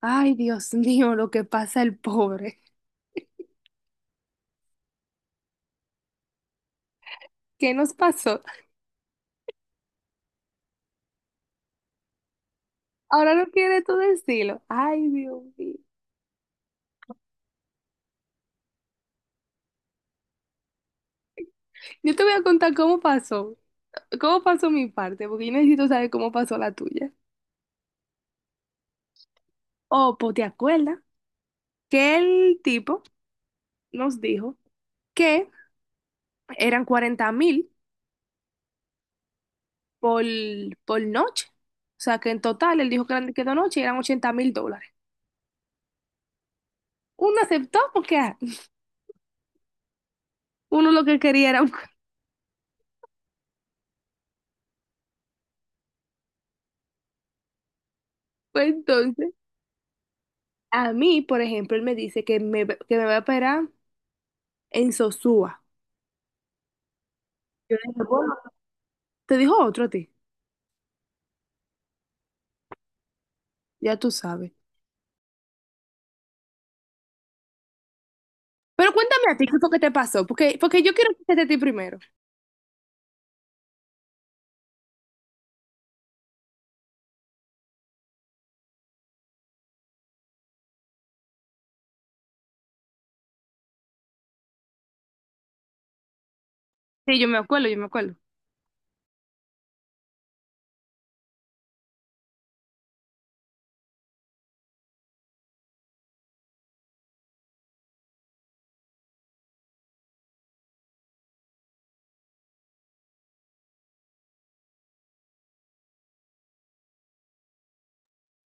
Ay, Dios mío, lo que pasa el pobre. ¿Qué nos pasó? Ahora no quiere tú decirlo. Ay, Dios mío. Yo te voy a contar cómo pasó mi parte, porque yo necesito saber cómo pasó la tuya. Oh, pues te acuerdas que el tipo nos dijo que eran 40.000 por, por noche. O sea, que en total él dijo que eran, que de noche eran US$80.000. Uno aceptó porque, ah, uno lo que quería era un... Pues entonces, a mí, por ejemplo, él me dice que me va a esperar en Sosúa. Yo dije, bueno, te dijo otro a ti, ya tú sabes. Pero cuéntame a ti qué fue que te pasó, porque yo quiero escucharte a ti primero. Sí, yo me acuerdo, yo me acuerdo.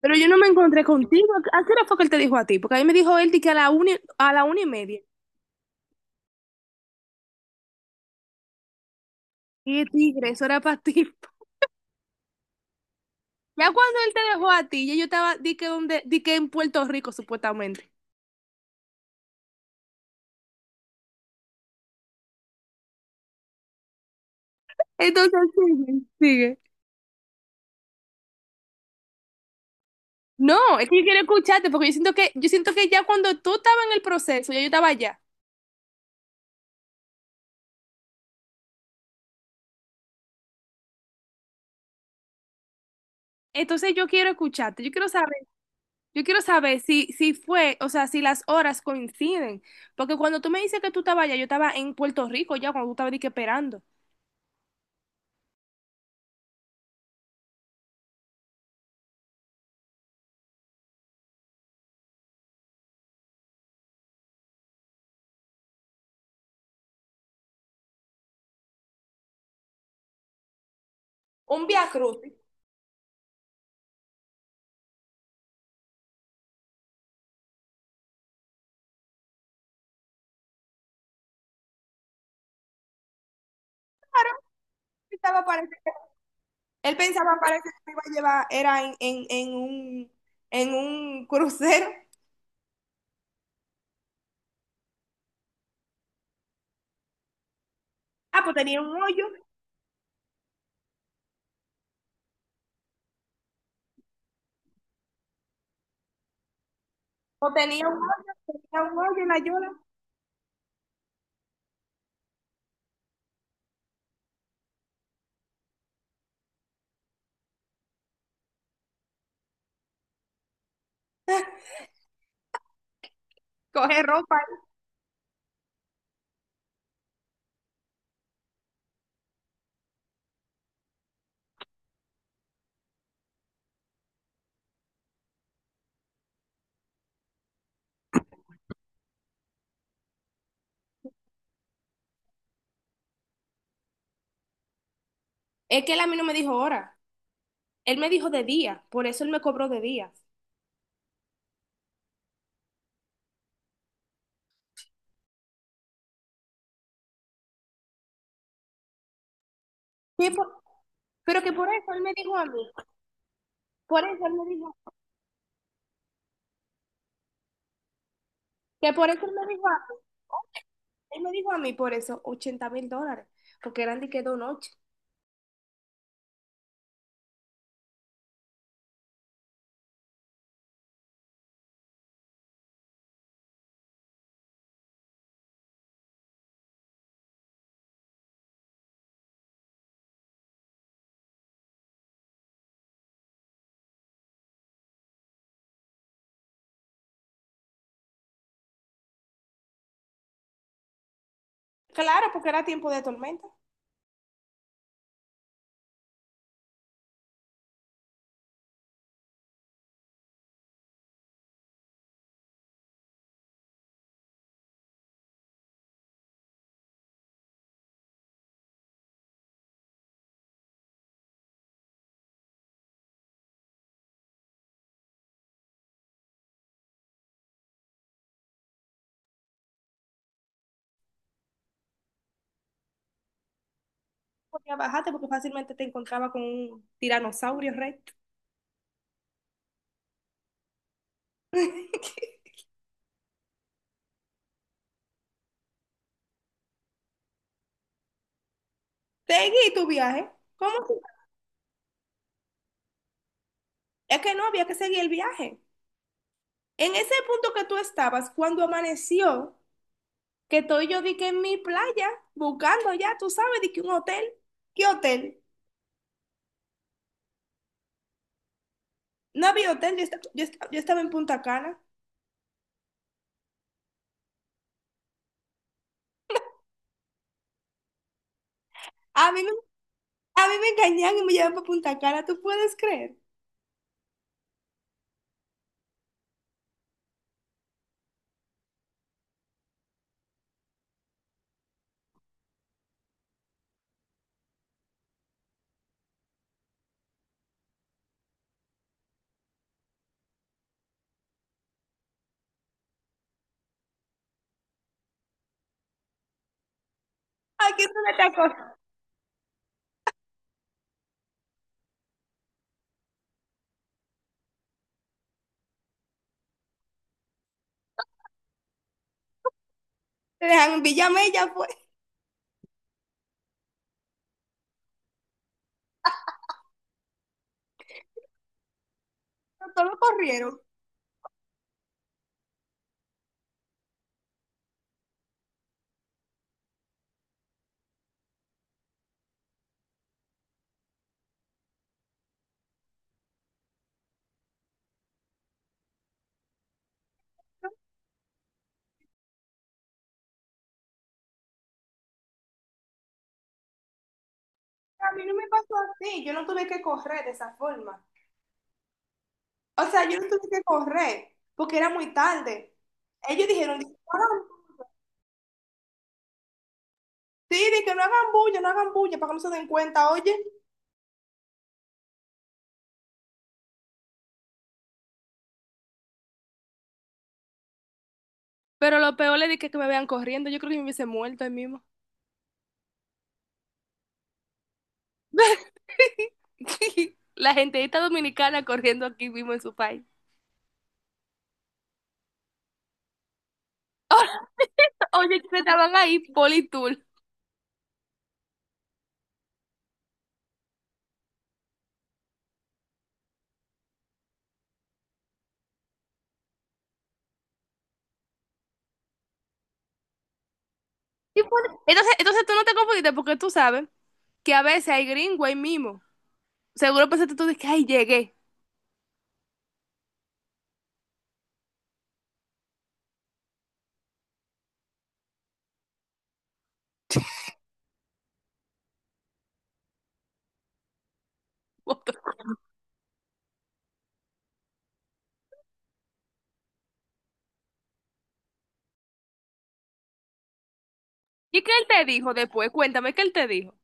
Pero yo no me encontré contigo. ¿A qué hora fue que él te dijo a ti? Porque a mí me dijo él di que a la una y media. Y tigre, eso era para ti. Ya cuando él te dejó a ti, ya yo estaba, di que, donde, di que en Puerto Rico, supuestamente. Entonces, sigue, sigue. No, es que yo quiero escucharte, porque yo siento que ya cuando tú estabas en el proceso, ya yo estaba allá. Entonces yo quiero escucharte, yo quiero saber. Yo quiero saber si fue, o sea, si las horas coinciden. Porque cuando tú me dices que tú estabas allá, yo estaba en Puerto Rico ya, cuando tú estabas dije, esperando. Un Via Crucis. Pensaba, parece que- Él pensaba, parece que me iba a llevar, era en un crucero. Ah, pues tenía un hoyo, o tenía un hoyo en la yola. Coge ropa. Es que él a mí no me dijo hora, él me dijo de día, por eso él me cobró de día. Sí, pero que por eso él me dijo a mí, por eso él me dijo, que por eso él me dijo a mí, oye, él me dijo a mí por eso US$80.000, porque eran de que 2 noches. Claro, porque era tiempo de tormenta. Podía bajarte porque fácilmente te encontraba con un tiranosaurio recto. Seguí tu viaje. ¿Cómo? Es que no había que seguir el viaje. En ese punto que tú estabas, cuando amaneció, que estoy yo di que en mi playa, buscando ya, tú sabes, di que un hotel. ¿Qué hotel? No había hotel, yo estaba en Punta Cana. A mí me A mí me engañan y me llevan para Punta Cana, ¿tú puedes creer? Aquí es una otra cosa. Te dejan en Villamella, ya fue. Todos corrieron. A mí no me pasó así, yo no tuve que correr de esa forma. O sea, yo no tuve que correr porque era muy tarde. Ellos dijeron, dice, "No hagan sí, de que no hagan bulla, no hagan bulla, para que no se den cuenta, oye. Pero lo peor es de que me vean corriendo. Yo creo que me hubiese muerto ahí mismo. La gente dominicana corriendo aquí mismo en su país. Oye, que estaban ahí, Politool. Sí. Entonces tú no te confundiste porque tú sabes que a veces hay gringo ahí mismo. Seguro pensaste tú de que, ay, llegué. What the fuck. ¿Y qué él te dijo después? Cuéntame, ¿qué él te dijo?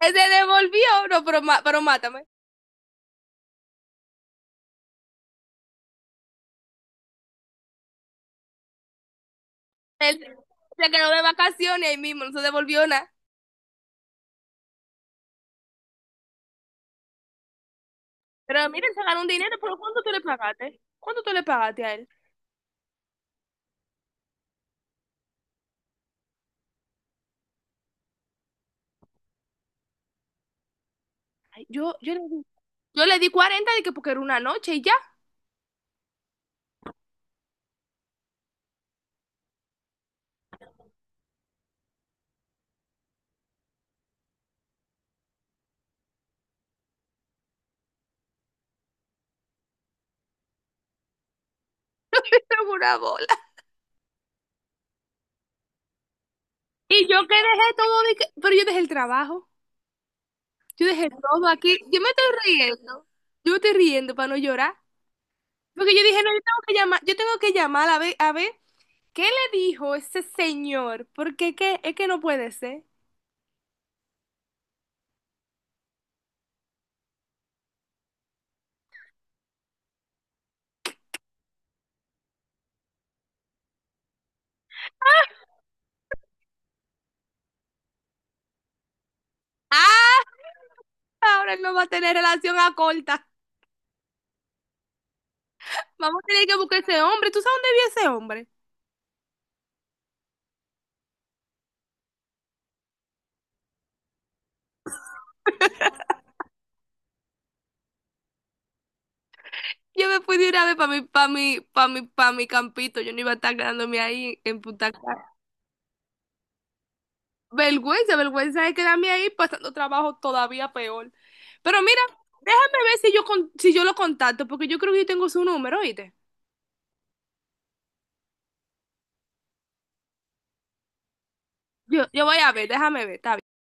Él se devolvió, no, pero mátame. Él se quedó de vacaciones ahí mismo, no se devolvió nada. Pero miren, se ganó un dinero, pero ¿cuánto tú le pagaste? ¿Cuánto tú le pagaste a él? Ay, yo le di 40 de que porque era una noche y ya. Segura bola. Y yo que dejé todo, pero yo dejé el trabajo, yo dejé todo aquí. Yo me estoy riendo, yo me estoy riendo para no llorar. Porque yo dije, no, yo tengo que llamar, yo tengo que llamar a ver, ¿qué le dijo ese señor? Porque qué es que no puede ser. Ah, ahora él no va a tener relación a corta. Vamos a tener que buscar ese hombre. ¿Tú sabes dónde vive ese hombre? Yo me fui de una vez para mi campito. Yo no iba a estar quedándome ahí en Punta Cana. Vergüenza, vergüenza de quedarme ahí pasando trabajo todavía peor. Pero mira, déjame ver si yo lo contacto, porque yo creo que yo tengo su número, ¿oíste? Yo voy a ver, déjame ver, está bien.